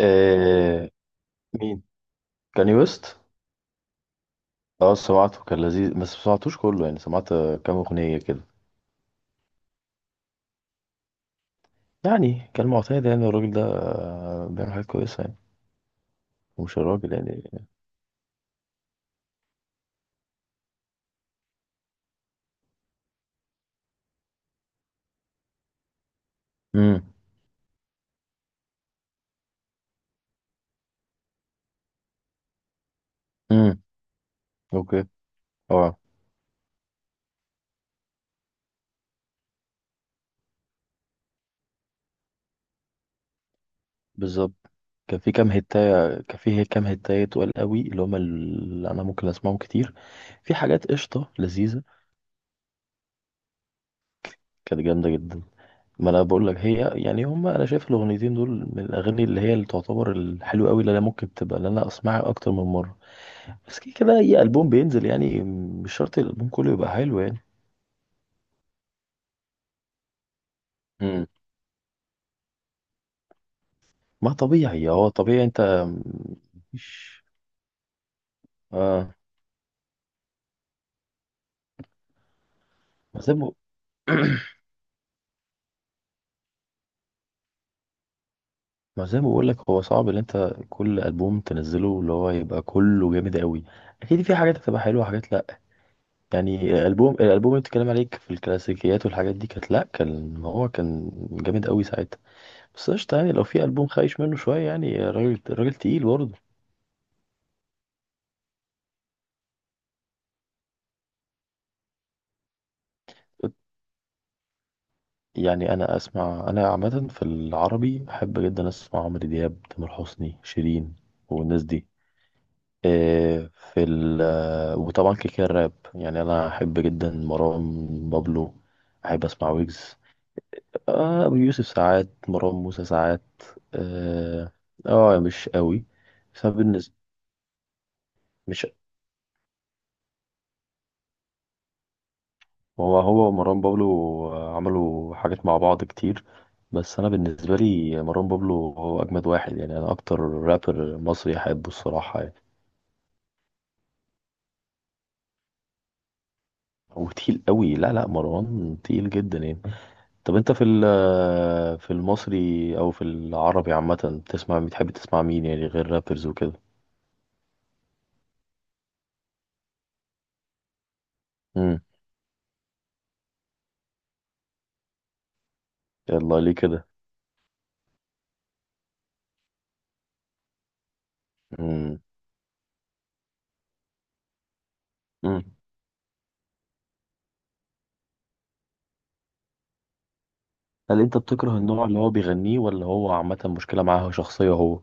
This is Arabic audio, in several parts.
آه مين كاني ويست؟ اه سمعته، كان لذيذ بس ما سمعتوش كله. يعني سمعت كام اغنيه كده. يعني كان معتاد، يعني الراجل ده بيعمل حاجات كويسه يعني. ومش الراجل يعني. امم امم اوكي، اه بالظبط. كان في كام هتاية، كان في كام هتاية تقال قوي، اللي هما اللي انا ممكن اسمعهم كتير. في حاجات قشطه لذيذه. كانت جامده جدا. ما انا بقول لك، هي يعني هما، انا شايف الاغنيتين دول من الاغاني اللي هي اللي تعتبر الحلوه قوي، اللي انا ممكن تبقى اللي انا اسمعها اكتر من مره. بس كده كده اي البوم بينزل يعني، مش شرط الالبوم كله يبقى حلو يعني. امم ما طبيعي، هو طبيعي. انت مش، اه، ما زي ما، ما زي ما بقول لك، هو صعب ان انت كل البوم تنزله اللي هو يبقى كله جامد قوي. اكيد في حاجات هتبقى حلوه وحاجات لا. يعني الالبوم، الالبوم اللي بتتكلم عليك في الكلاسيكيات والحاجات دي، كانت لا كان هو كان جامد قوي ساعتها. بس قشطه يعني، لو في البوم خايش منه شويه يعني، راجل راجل تقيل برضه. يعني انا اسمع، انا عامه في العربي بحب جدا اسمع عمرو دياب، تامر حسني، شيرين والناس دي. إيه، في ال، وطبعا كده كده الراب، يعني انا احب جدا مروان بابلو، احب اسمع ويجز. ابو يوسف ساعات، مروان موسى ساعات. اه، مش قوي. بس أنا بالنسبه، مش، هو هو ومروان بابلو عملوا حاجات مع بعض كتير. بس انا بالنسبه لي مروان بابلو هو اجمد واحد يعني، انا اكتر رابر مصري احبه الصراحه يعني. هو تقيل قوي، لا لا، مروان تقيل جدا يعني. طب انت في في المصري او في العربي عامه، بتسمع، بتحب تسمع مين يعني، غير رابرز وكده؟ امم يلا ليه كده؟ امم امم هل انت بتكره النوع اللي هو بيغنيه، ولا هو عامه مشكله معاه شخصيه هو؟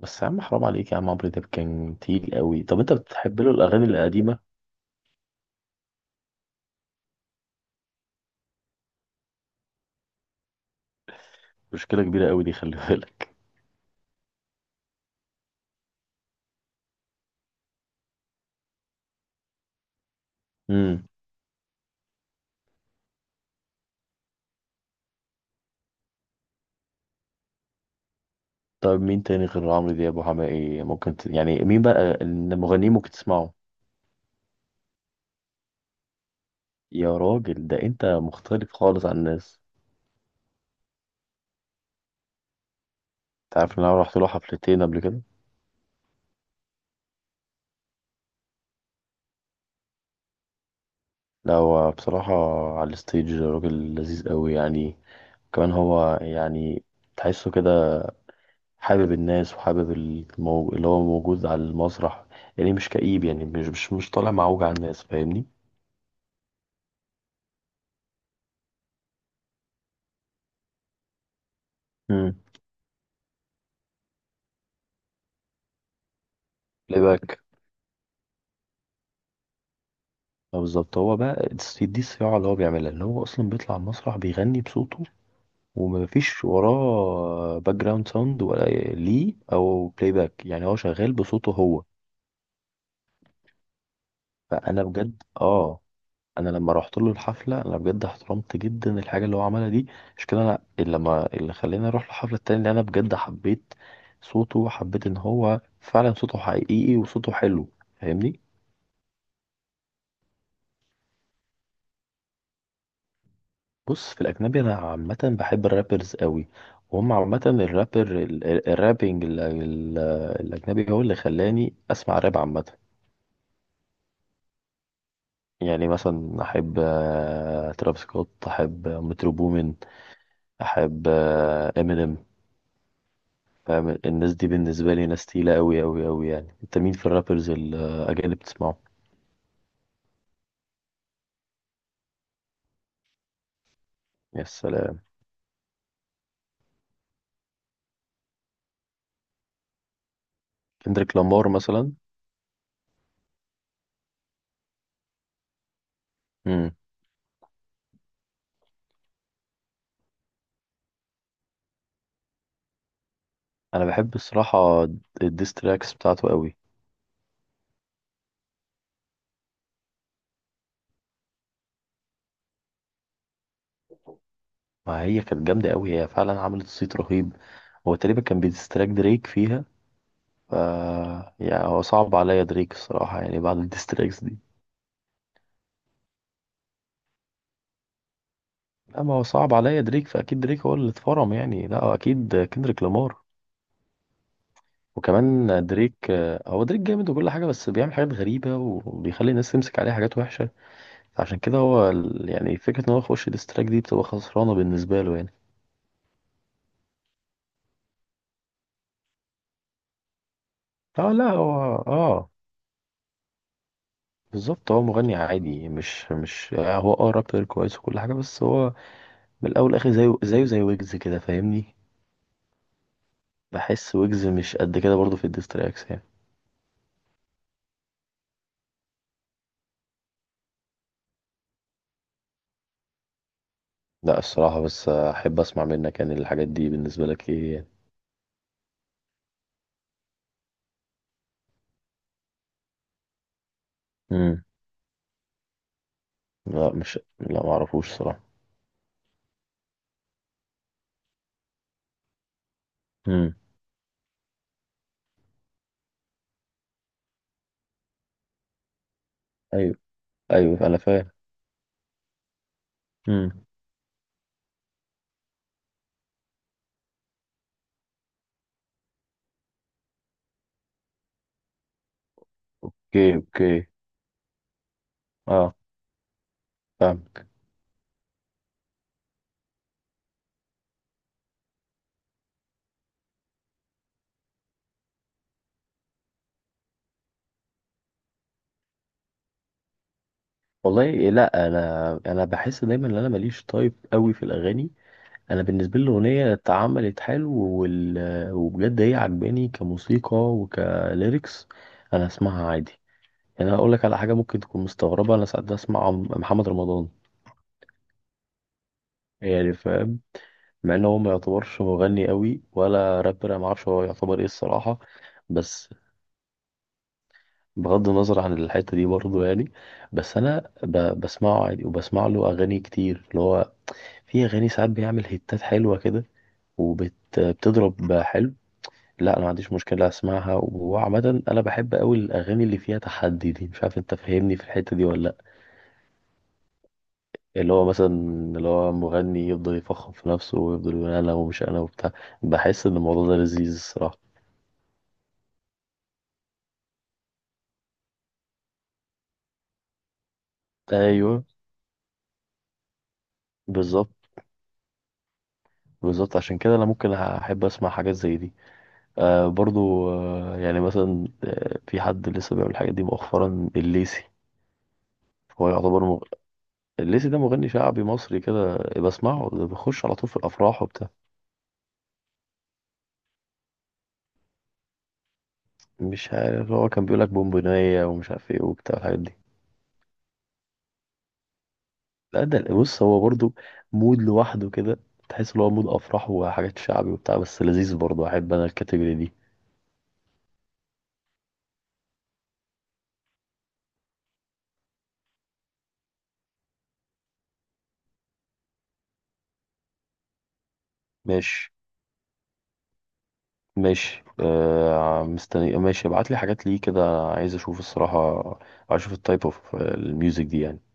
بس يا عم، حرام عليك يا عم، عمرو دياب كان تقيل قوي. طب انت بتحب له الاغاني القديمه؟ مشكله كبيره قوي دي، خلي بالك. امم طب مين تاني غير عمرو دياب وحماقي ممكن ت... يعني مين بقى المغنيين ممكن تسمعه؟ يا راجل ده انت مختلف خالص عن الناس. انت عارف ان انا رحت له حفلتين قبل كده؟ لا هو بصراحه على الستيج راجل لذيذ قوي يعني. كمان هو يعني تحسه كده، حابب الناس وحابب المو... اللي هو موجود على المسرح. يعني مش كئيب يعني، مش طالع معوج على الناس، فاهمني. امم بلاي باك. بالظبط، هو بقى دي دي الصياعه اللي هو بيعملها، ان هو اصلا بيطلع المسرح بيغني بصوته، ومفيش وراه باك جراوند ساوند ولا ليه او بلاي باك. يعني هو شغال بصوته هو. فانا بجد اه، انا لما رحت له الحفله انا بجد احترمت جدا الحاجه اللي هو عملها دي. مش كده، انا اللي لما، اللي خلاني اروح الحفله التانية، اللي انا بجد حبيت صوته، وحبيت ان هو فعلا صوته حقيقي وصوته حلو. فاهمني. بص في الأجنبي أنا عامة بحب الرابرز قوي، وهم عامة الرابر الرابينج الأجنبي هو اللي خلاني أسمع راب عامة. يعني مثلا أحب تراب سكوت، أحب مترو بومين، أحب إمينيم. فاهم، الناس دي بالنسبة لي ناس تقيلة قوي قوي قوي يعني. أنت مين في الرابرز الأجانب بتسمعه؟ يا سلام. كندريك لامار مثلا. مم. أنا بحب الصراحة الديستراكس بتاعته قوي. ما هي كانت جامدة قوي، هي فعلا عملت صيت رهيب. هو تقريبا كان بيديستراك دريك فيها. ف يعني هو صعب عليا دريك الصراحة، يعني بعد الديستراكس دي. لا، ما هو صعب عليا دريك، فأكيد دريك هو اللي اتفرم يعني. لا أكيد كندريك لامار. وكمان دريك. هو دريك جامد وكل حاجة، بس بيعمل حاجات غريبة وبيخلي الناس تمسك عليه حاجات وحشة. عشان كده هو يعني فكرة إن هو يخش ديستراك دي بتبقى خسرانة بالنسبة له يعني. اه لا هو، اه، بالظبط، هو مغني عادي، مش مش هو اه رابر كويس وكل حاجة، بس هو من الأول لآخر زيه، زيه زي ويجز كده، فاهمني. بحس ويجز مش قد كده برضو في الديستراكس يعني. لا الصراحة، بس أحب أسمع منك يعني، الحاجات دي بالنسبة لك إيه يعني؟ امم لا مش، لا معرفوش صراحة. امم أيوه، أيوه أنا فاهم. امم أوكي أوكي. أه، فاهمك. والله لا، انا بحس دايما ان انا ماليش طيب قوي في الاغاني. انا بالنسبه لي الاغنيه اتعملت حلو، وال... وبجد هي عجباني كموسيقى وكليركس، انا اسمعها عادي. يعني انا اقول لك على حاجه ممكن تكون مستغربه، انا ساعات بسمع عم- محمد رمضان. يعني فاهم، مع ان هو ما يعتبرش مغني قوي ولا رابر، انا ما اعرفش هو يعتبر ايه الصراحه. بس، بغض النظر عن الحته دي برضه يعني، بس انا ب... بسمعه عادي وبسمع له اغاني كتير اللي هو، في اغاني ساعات بيعمل هيتات حلوه كده، وبت بتضرب حلو. لا انا ما عنديش مشكله اسمعها. وعامه انا بحب قوي الاغاني اللي فيها تحدي دي، مش عارف انت فاهمني في الحته دي ولا لا. اللي هو مثلا، اللي هو مغني يفضل يفخم في نفسه، ويفضل يقول انا ومش انا وبتاع. بحس ان الموضوع ده لذيذ الصراحه. ايوه بالظبط. بالظبط عشان كده انا ممكن احب اسمع حاجات زي دي. آه برضو، آه يعني مثلا، آه في حد لسه بيعمل الحاجات دي مؤخرا، الليسي. هو يعتبر مغ... الليسي ده مغني شعبي مصري كده بسمعه، ده بيخش على طول في الافراح وبتاع. مش عارف، هو كان بيقول لك بونبونية ومش عارف ايه وبتاع الحاجات دي. لا ده بص، هو برضو مود لوحده كده، تحس ان هو مود افراح وحاجات شعبي وبتاع، بس لذيذ برضو، احب انا الكاتيجوري دي. ماشي. ماشي آه، مستني. ماشي، ابعت لي حاجات ليه كده، عايز اشوف الصراحة. عايز اشوف التايب اوف الميوزك دي يعني.